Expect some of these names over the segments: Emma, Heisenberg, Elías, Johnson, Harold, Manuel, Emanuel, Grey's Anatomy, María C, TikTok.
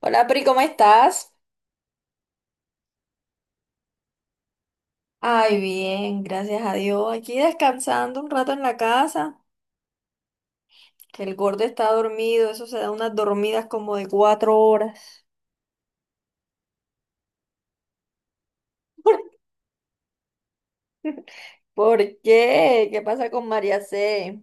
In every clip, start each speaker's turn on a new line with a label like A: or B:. A: Hola Pri, ¿cómo estás? Ay, bien, gracias a Dios. Aquí descansando un rato en la casa, que el gordo está dormido, eso se da unas dormidas como de 4 horas. ¿Por qué? ¿Qué pasa con María C?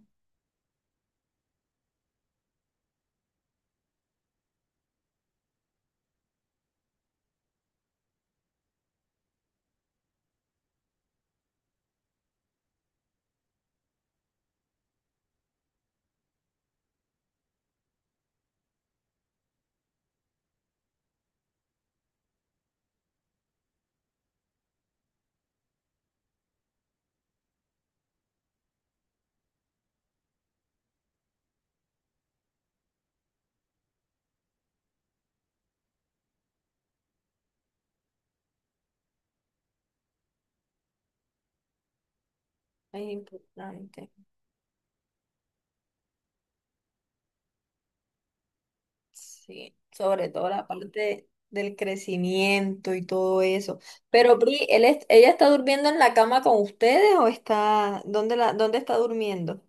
A: Es importante, sí, sobre todo la parte del crecimiento y todo eso. Pero Pri, ¿ella está durmiendo en la cama con ustedes o está. Está, ¿dónde está durmiendo?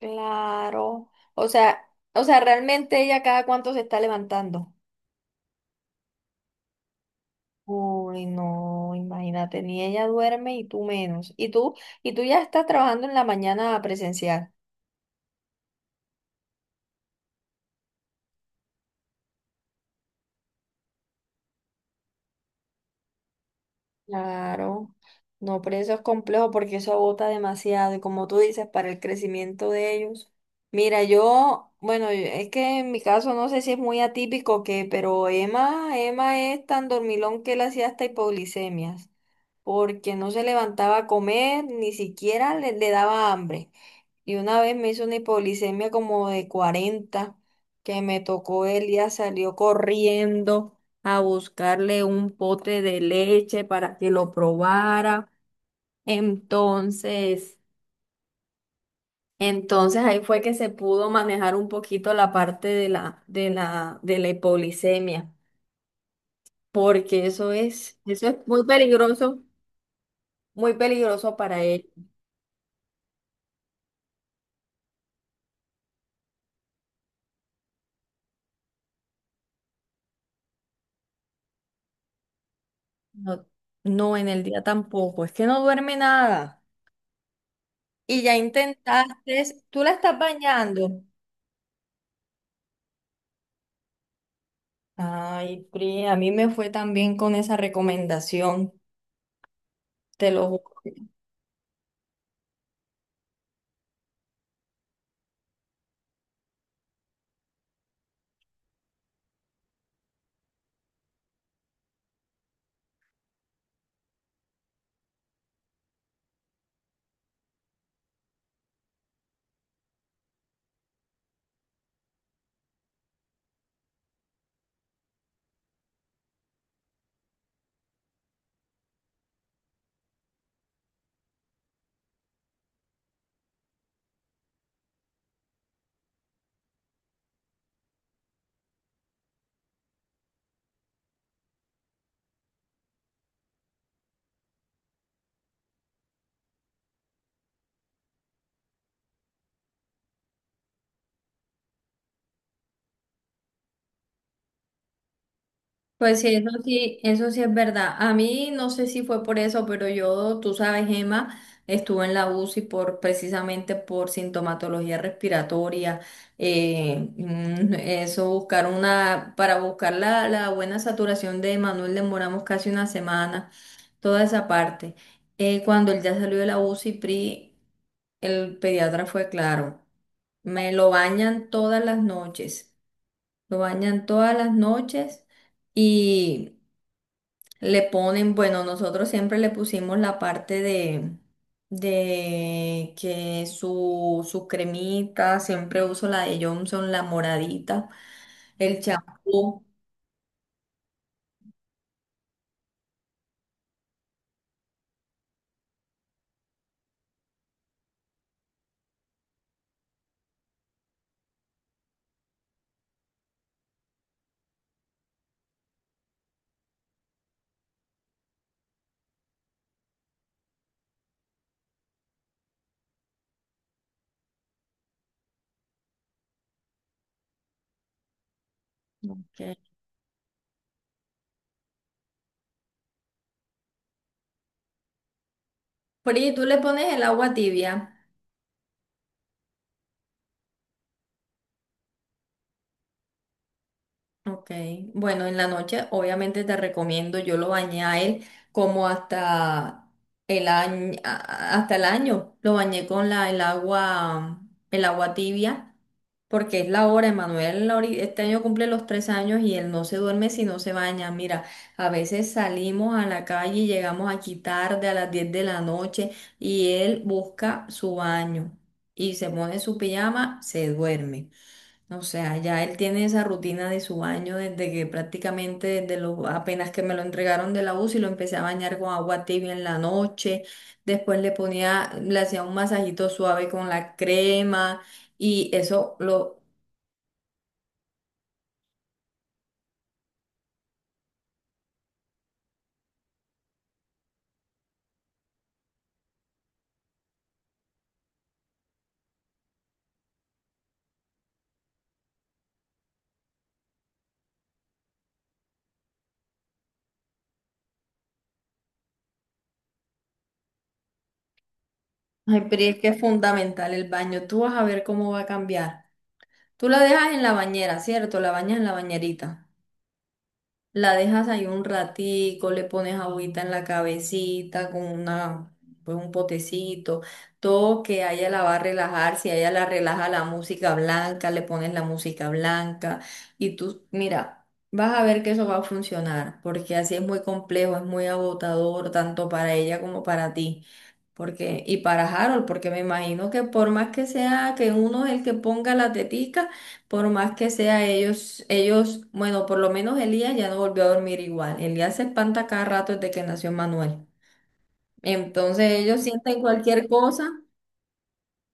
A: Claro. O sea, realmente ella cada cuánto se está levantando. Uy, no, imagínate, ni ella duerme y tú menos. Y tú ya estás trabajando en la mañana presencial. Claro, no, pero eso es complejo porque eso agota demasiado y como tú dices, para el crecimiento de ellos. Mira, yo, bueno, es que en mi caso no sé si es muy atípico que, pero Emma, Emma es tan dormilón que él hacía hasta hipoglicemias, porque no se levantaba a comer, ni siquiera le daba hambre. Y una vez me hizo una hipoglicemia como de 40 que me tocó él, ya salió corriendo a buscarle un pote de leche para que lo probara. Entonces, entonces, ahí fue que se pudo manejar un poquito la parte de la hipoglicemia, porque eso es muy peligroso para él. No, no, en el día tampoco, es que no duerme nada. Y ya intentaste, tú la estás bañando. Ay, Pri, a mí me fue también con esa recomendación, te lo juro. Pues sí, eso sí, eso sí es verdad. A mí no sé si fue por eso, pero yo, tú sabes, Emma, estuve en la UCI por precisamente por sintomatología respiratoria. Eso buscar una, para buscar la buena saturación de Manuel demoramos casi una semana, toda esa parte. Cuando él ya salió de la UCI, Pri, el pediatra fue claro. Me lo bañan todas las noches. Lo bañan todas las noches y le ponen, bueno, nosotros siempre le pusimos la parte de, que su cremita, siempre uso la de Johnson, la moradita, el champú. Ok. Porque tú le pones el agua tibia. Ok, bueno, en la noche obviamente te recomiendo, yo lo bañé a él como hasta el año, lo bañé el agua tibia, porque es la hora, este año cumple los 3 años y él no se duerme si no se baña. Mira, a veces salimos a la calle y llegamos aquí tarde a las 10 de la noche y él busca su baño y se pone su pijama, se duerme. O sea, ya él tiene esa rutina de su baño desde que prácticamente desde lo, apenas que me lo entregaron de la UCI lo empecé a bañar con agua tibia en la noche, después le ponía, le hacía un masajito suave con la crema y eso lo. Ay, pero es que es fundamental el baño, tú vas a ver cómo va a cambiar. Tú la dejas en la bañera, ¿cierto? La bañas en la bañerita. La dejas ahí un ratico, le pones agüita en la cabecita con una, pues un potecito, todo que a ella la va a relajar, si a ella la relaja la música blanca, le pones la música blanca y tú, mira, vas a ver que eso va a funcionar, porque así es muy complejo, es muy agotador, tanto para ella como para ti. Porque, y para Harold, porque me imagino que por más que sea que uno es el que ponga la tetica, por más que sea ellos, bueno, por lo menos Elías ya no volvió a dormir igual. Elías se espanta cada rato desde que nació Manuel. Entonces ellos sienten cualquier cosa.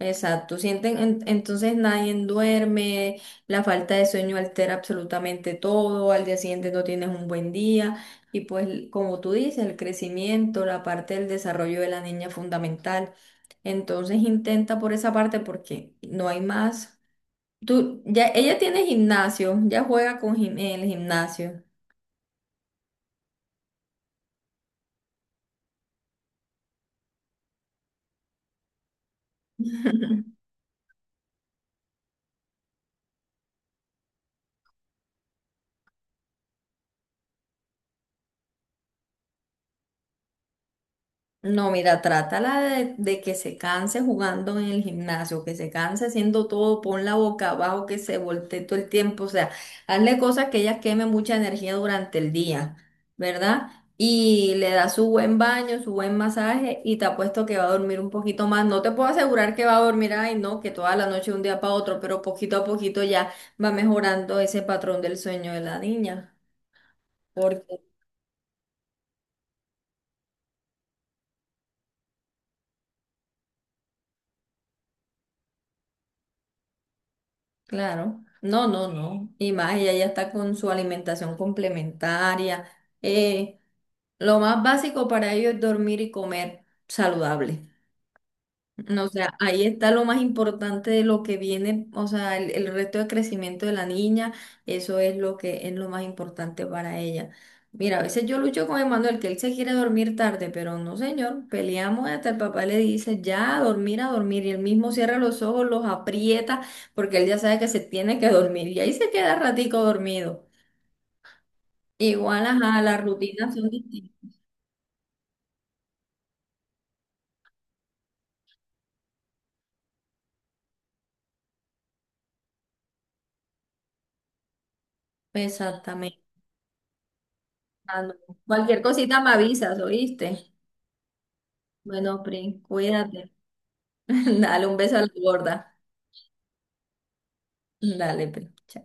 A: Exacto, sienten, entonces nadie duerme, la falta de sueño altera absolutamente todo, al día siguiente no tienes un buen día y pues como tú dices, el crecimiento, la parte del desarrollo de la niña es fundamental. Entonces intenta por esa parte porque no hay más. Tú, ya, ella tiene gimnasio, ya juega en el gimnasio. No, mira, trátala de que se canse jugando en el gimnasio, que se canse haciendo todo, pon la boca abajo, que se voltee todo el tiempo, o sea, hazle cosas que ella queme mucha energía durante el día, ¿verdad? Y le da su buen baño, su buen masaje y te apuesto que va a dormir un poquito más. No te puedo asegurar que va a dormir, ay, no, que toda la noche de un día para otro, pero poquito a poquito ya va mejorando ese patrón del sueño de la niña. Claro, no, no, no. Y más, ella ya está con su alimentación complementaria. Eh, lo más básico para ellos es dormir y comer saludable. No, o sea, ahí está lo más importante de lo que viene, o sea, el resto de crecimiento de la niña, eso es lo que es lo más importante para ella. Mira, a veces yo lucho con Emanuel que él se quiere dormir tarde, pero no, señor, peleamos hasta el papá le dice ya a dormir, y él mismo cierra los ojos, los aprieta, porque él ya sabe que se tiene que dormir, y ahí se queda ratico dormido. Igual, ajá, las rutinas son distintas. Exactamente. Ah, no. Cualquier cosita me avisas, ¿oíste? Bueno, Prin, cuídate. Dale un beso a la gorda. Dale, pero, chao.